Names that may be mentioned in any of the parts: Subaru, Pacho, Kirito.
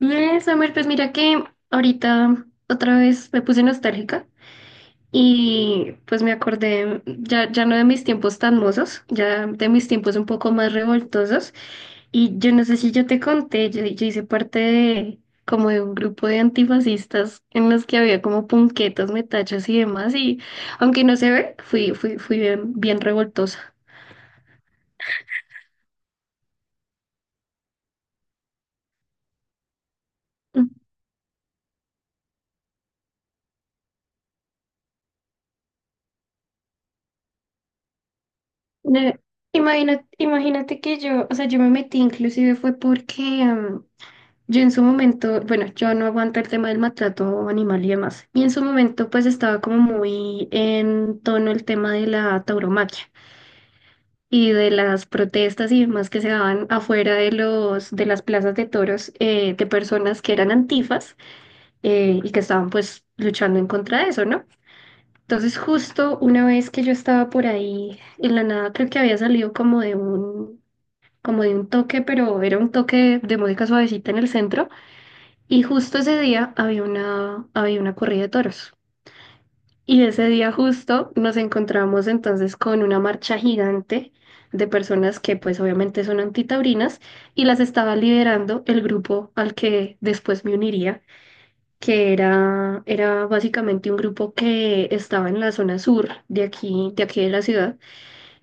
Bien, Summer, pues mira que ahorita otra vez me puse nostálgica y pues me acordé ya, ya no de mis tiempos tan mozos, ya de mis tiempos un poco más revoltosos. Y yo no sé si yo te conté, yo hice parte de como de un grupo de antifascistas en los que había como punquetas, metachos y demás. Y aunque no se ve, fui bien, bien revoltosa. Mm. Eh, Imagina imagínate que yo, o sea, yo me metí inclusive fue porque. Yo en su momento, bueno, yo no aguanto el tema del maltrato animal y demás. Y en su momento, pues estaba como muy en tono el tema de la tauromaquia y de las protestas y demás que se daban afuera de de las plazas de toros, de personas que eran antifas, y que estaban pues luchando en contra de eso, ¿no? Entonces, justo una vez que yo estaba por ahí, en la nada creo que había salido como de un toque, pero era un toque de música suavecita en el centro. Y justo ese día había una corrida de toros. Y ese día justo nos encontramos entonces con una marcha gigante de personas que pues obviamente son antitaurinas y las estaba liderando el grupo al que después me uniría, que era básicamente un grupo que estaba en la zona sur de aquí, de aquí de la ciudad.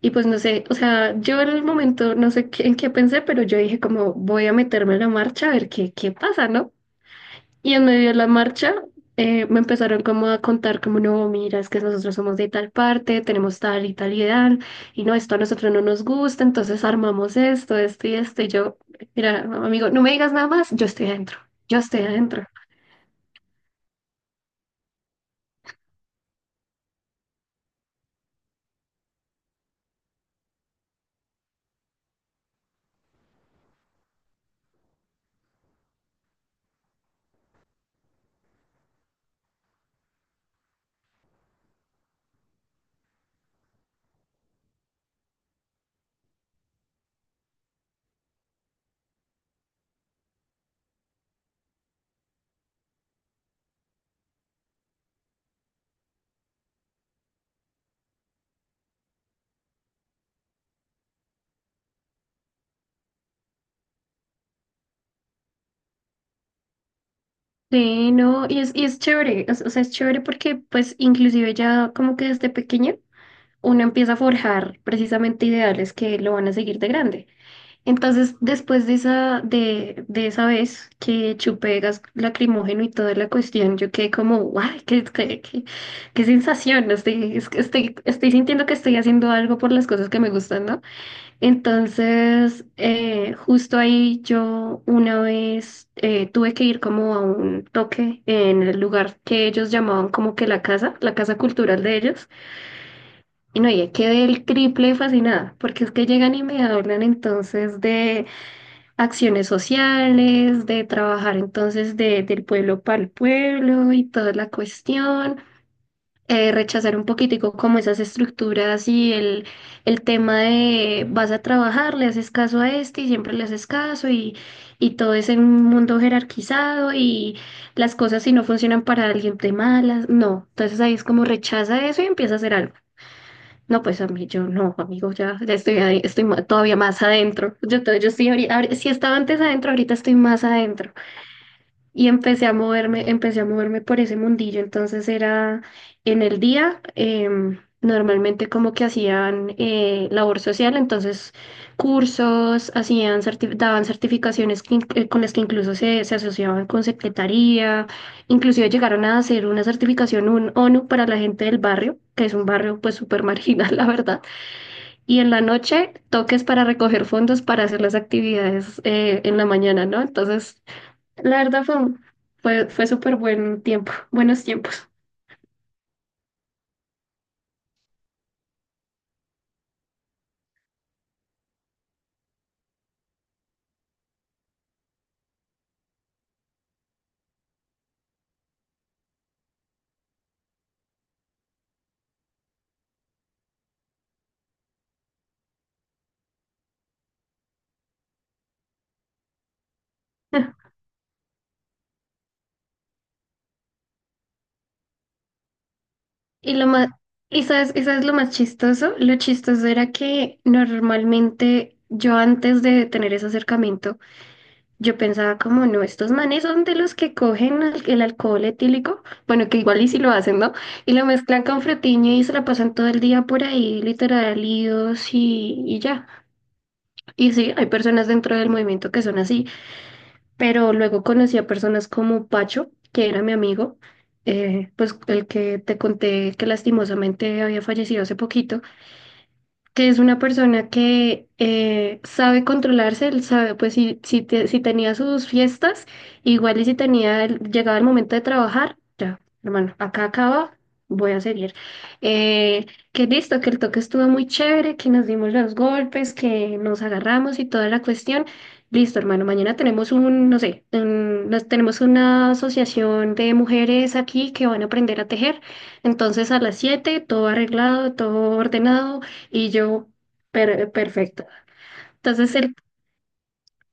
Y pues no sé, o sea, yo en el momento no sé en qué pensé, pero yo dije como voy a meterme en la marcha a ver qué, qué pasa, ¿no? Y en medio de la marcha, me empezaron como a contar como, no, mira, es que nosotros somos de tal parte, tenemos tal y tal y tal, y no, esto a nosotros no nos gusta, entonces armamos esto, esto y esto, y yo, mira, amigo, no me digas nada más, yo estoy adentro. Sí, no, y es chévere, o sea, es chévere porque pues inclusive ya como que desde pequeño uno empieza a forjar precisamente ideales que lo van a seguir de grande. Entonces, después de de esa vez que chupé gas lacrimógeno y toda la cuestión, yo quedé como, guau, qué sensación, ¿no? Estoy, es que estoy sintiendo que estoy haciendo algo por las cosas que me gustan, ¿no? Entonces, justo ahí yo una vez, tuve que ir como a un toque en el lugar que ellos llamaban como que la casa cultural de ellos, y no, y quedé el triple fascinada, porque es que llegan y me hablan entonces de acciones sociales, de trabajar entonces del pueblo para el pueblo y toda la cuestión, rechazar un poquitico como esas estructuras el tema de vas a trabajar, le haces caso a este y siempre le haces caso y todo es en un mundo jerarquizado y las cosas si no funcionan para alguien te malas, no, entonces ahí es como rechaza eso y empieza a hacer algo. No, pues a mí yo no, amigo, ya estoy, estoy todavía más adentro. Yo, yo estoy ahorita, si estaba antes adentro, ahorita estoy más adentro. Y empecé a moverme por ese mundillo. Entonces era en el día, normalmente como que hacían, labor social, entonces cursos, hacían, daban certificaciones con las que incluso se asociaban con secretaría. Inclusive llegaron a hacer una certificación un ONU para la gente del barrio, que es un barrio pues súper marginal, la verdad, y en la noche, toques para recoger fondos para hacer las actividades, en la mañana, ¿no? Entonces, la verdad fue, fue súper buen tiempo, buenos tiempos. Y lo más, y sabes lo más chistoso, lo chistoso era que normalmente yo antes de tener ese acercamiento, yo pensaba como, no, estos manes son de los que cogen alcohol etílico, bueno, que igual y si lo hacen, ¿no? Y lo mezclan con frutiño y se la pasan todo el día por ahí, literal, líos y ya. Y sí, hay personas dentro del movimiento que son así, pero luego conocí a personas como Pacho, que era mi amigo, pues el que te conté que lastimosamente había fallecido hace poquito, que es una persona que, sabe controlarse, él sabe, pues si, si tenía sus fiestas, igual y si tenía, llegaba el momento de trabajar, ya, hermano, acá acaba, voy a seguir. Eh, que listo, que el toque estuvo muy chévere, que nos dimos los golpes, que nos agarramos y toda la cuestión. Listo, hermano, mañana tenemos un, no sé, tenemos una asociación de mujeres aquí que van a aprender a tejer. Entonces a las 7 todo arreglado, todo ordenado y yo, perfecto. Entonces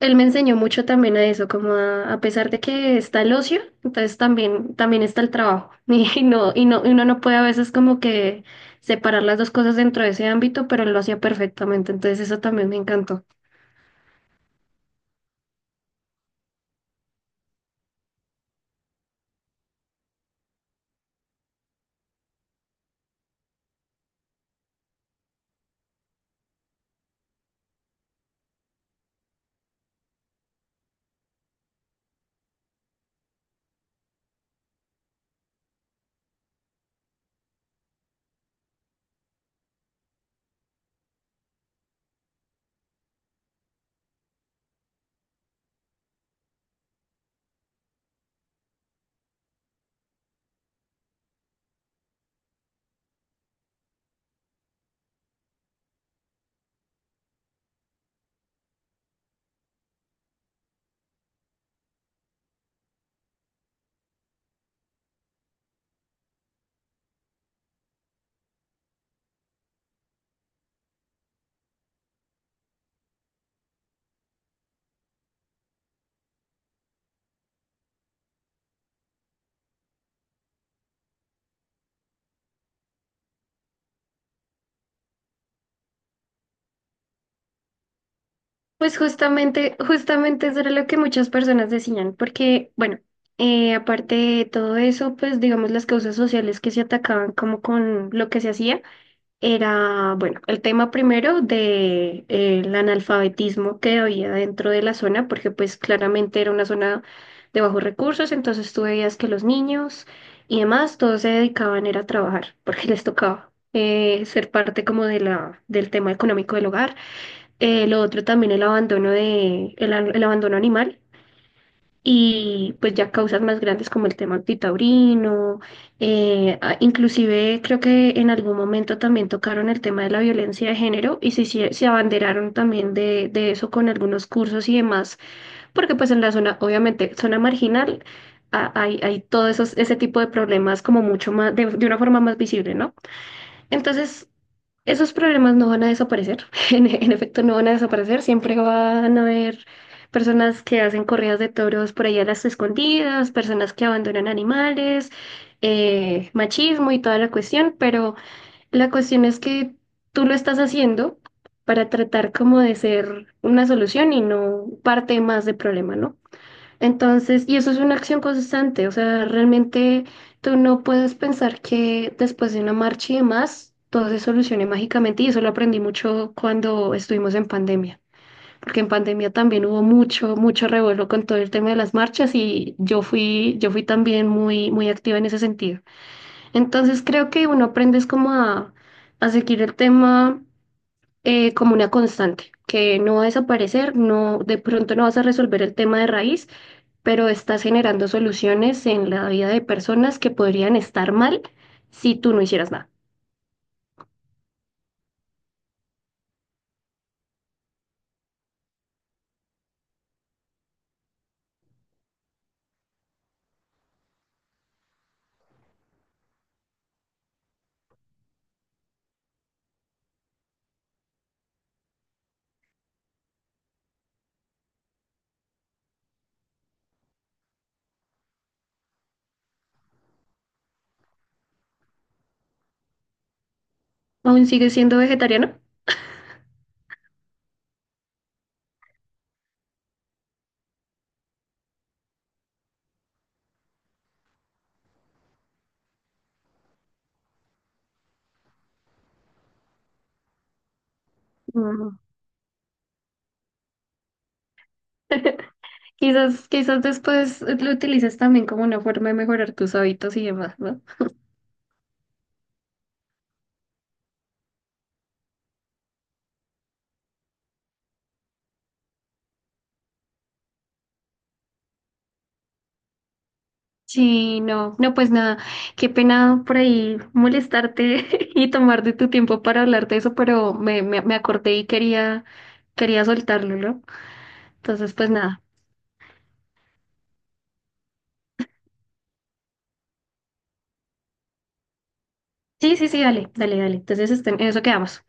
él me enseñó mucho también a eso, como a pesar de que está el ocio, entonces también, también está el trabajo. Y no, y no, y uno no puede a veces como que separar las dos cosas dentro de ese ámbito, pero él lo hacía perfectamente. Entonces eso también me encantó. Pues justamente, justamente eso era lo que muchas personas decían, porque, bueno, aparte de todo eso, pues digamos las causas sociales que se atacaban como con lo que se hacía era, bueno, el tema primero de, el analfabetismo que había dentro de la zona, porque pues claramente era una zona de bajos recursos, entonces tú veías que los niños y demás, todos se dedicaban era a trabajar, porque les tocaba. Ser parte como de la, del tema económico del hogar. Lo otro también el abandono el abandono animal, y pues ya causas más grandes como el tema antitaurino, inclusive creo que en algún momento también tocaron el tema de la violencia de género se abanderaron también de eso con algunos cursos y demás, porque pues en la zona, obviamente, zona marginal, hay todo esos, ese tipo de problemas como mucho más, de una forma más visible, ¿no? Entonces. Esos problemas no van a desaparecer, en efecto no van a desaparecer, siempre van a haber personas que hacen corridas de toros por ahí a las escondidas, personas que abandonan animales, machismo y toda la cuestión, pero la cuestión es que tú lo estás haciendo para tratar como de ser una solución y no parte más del problema, ¿no? Entonces, y eso es una acción constante, o sea, realmente tú no puedes pensar que después de una marcha y demás, todo se solucione mágicamente, y eso lo aprendí mucho cuando estuvimos en pandemia, porque en pandemia también hubo mucho, mucho revuelo con todo el tema de las marchas y yo fui también muy, muy activa en ese sentido. Entonces, creo que uno aprende es como a seguir el tema, como una constante, que no va a desaparecer, no, de pronto no vas a resolver el tema de raíz pero estás generando soluciones en la vida de personas que podrían estar mal si tú no hicieras nada. ¿Aún sigues siendo vegetariano? Mm. Quizás, quizás después lo utilices también como una forma de mejorar tus hábitos y demás, ¿no? Sí, no, no, pues nada, qué pena por ahí molestarte y tomar de tu tiempo para hablar de eso, pero me acordé y quería, quería soltarlo, ¿no? Entonces, pues nada. Sí, sí, sí, dale, dale, dale. Entonces, en eso quedamos.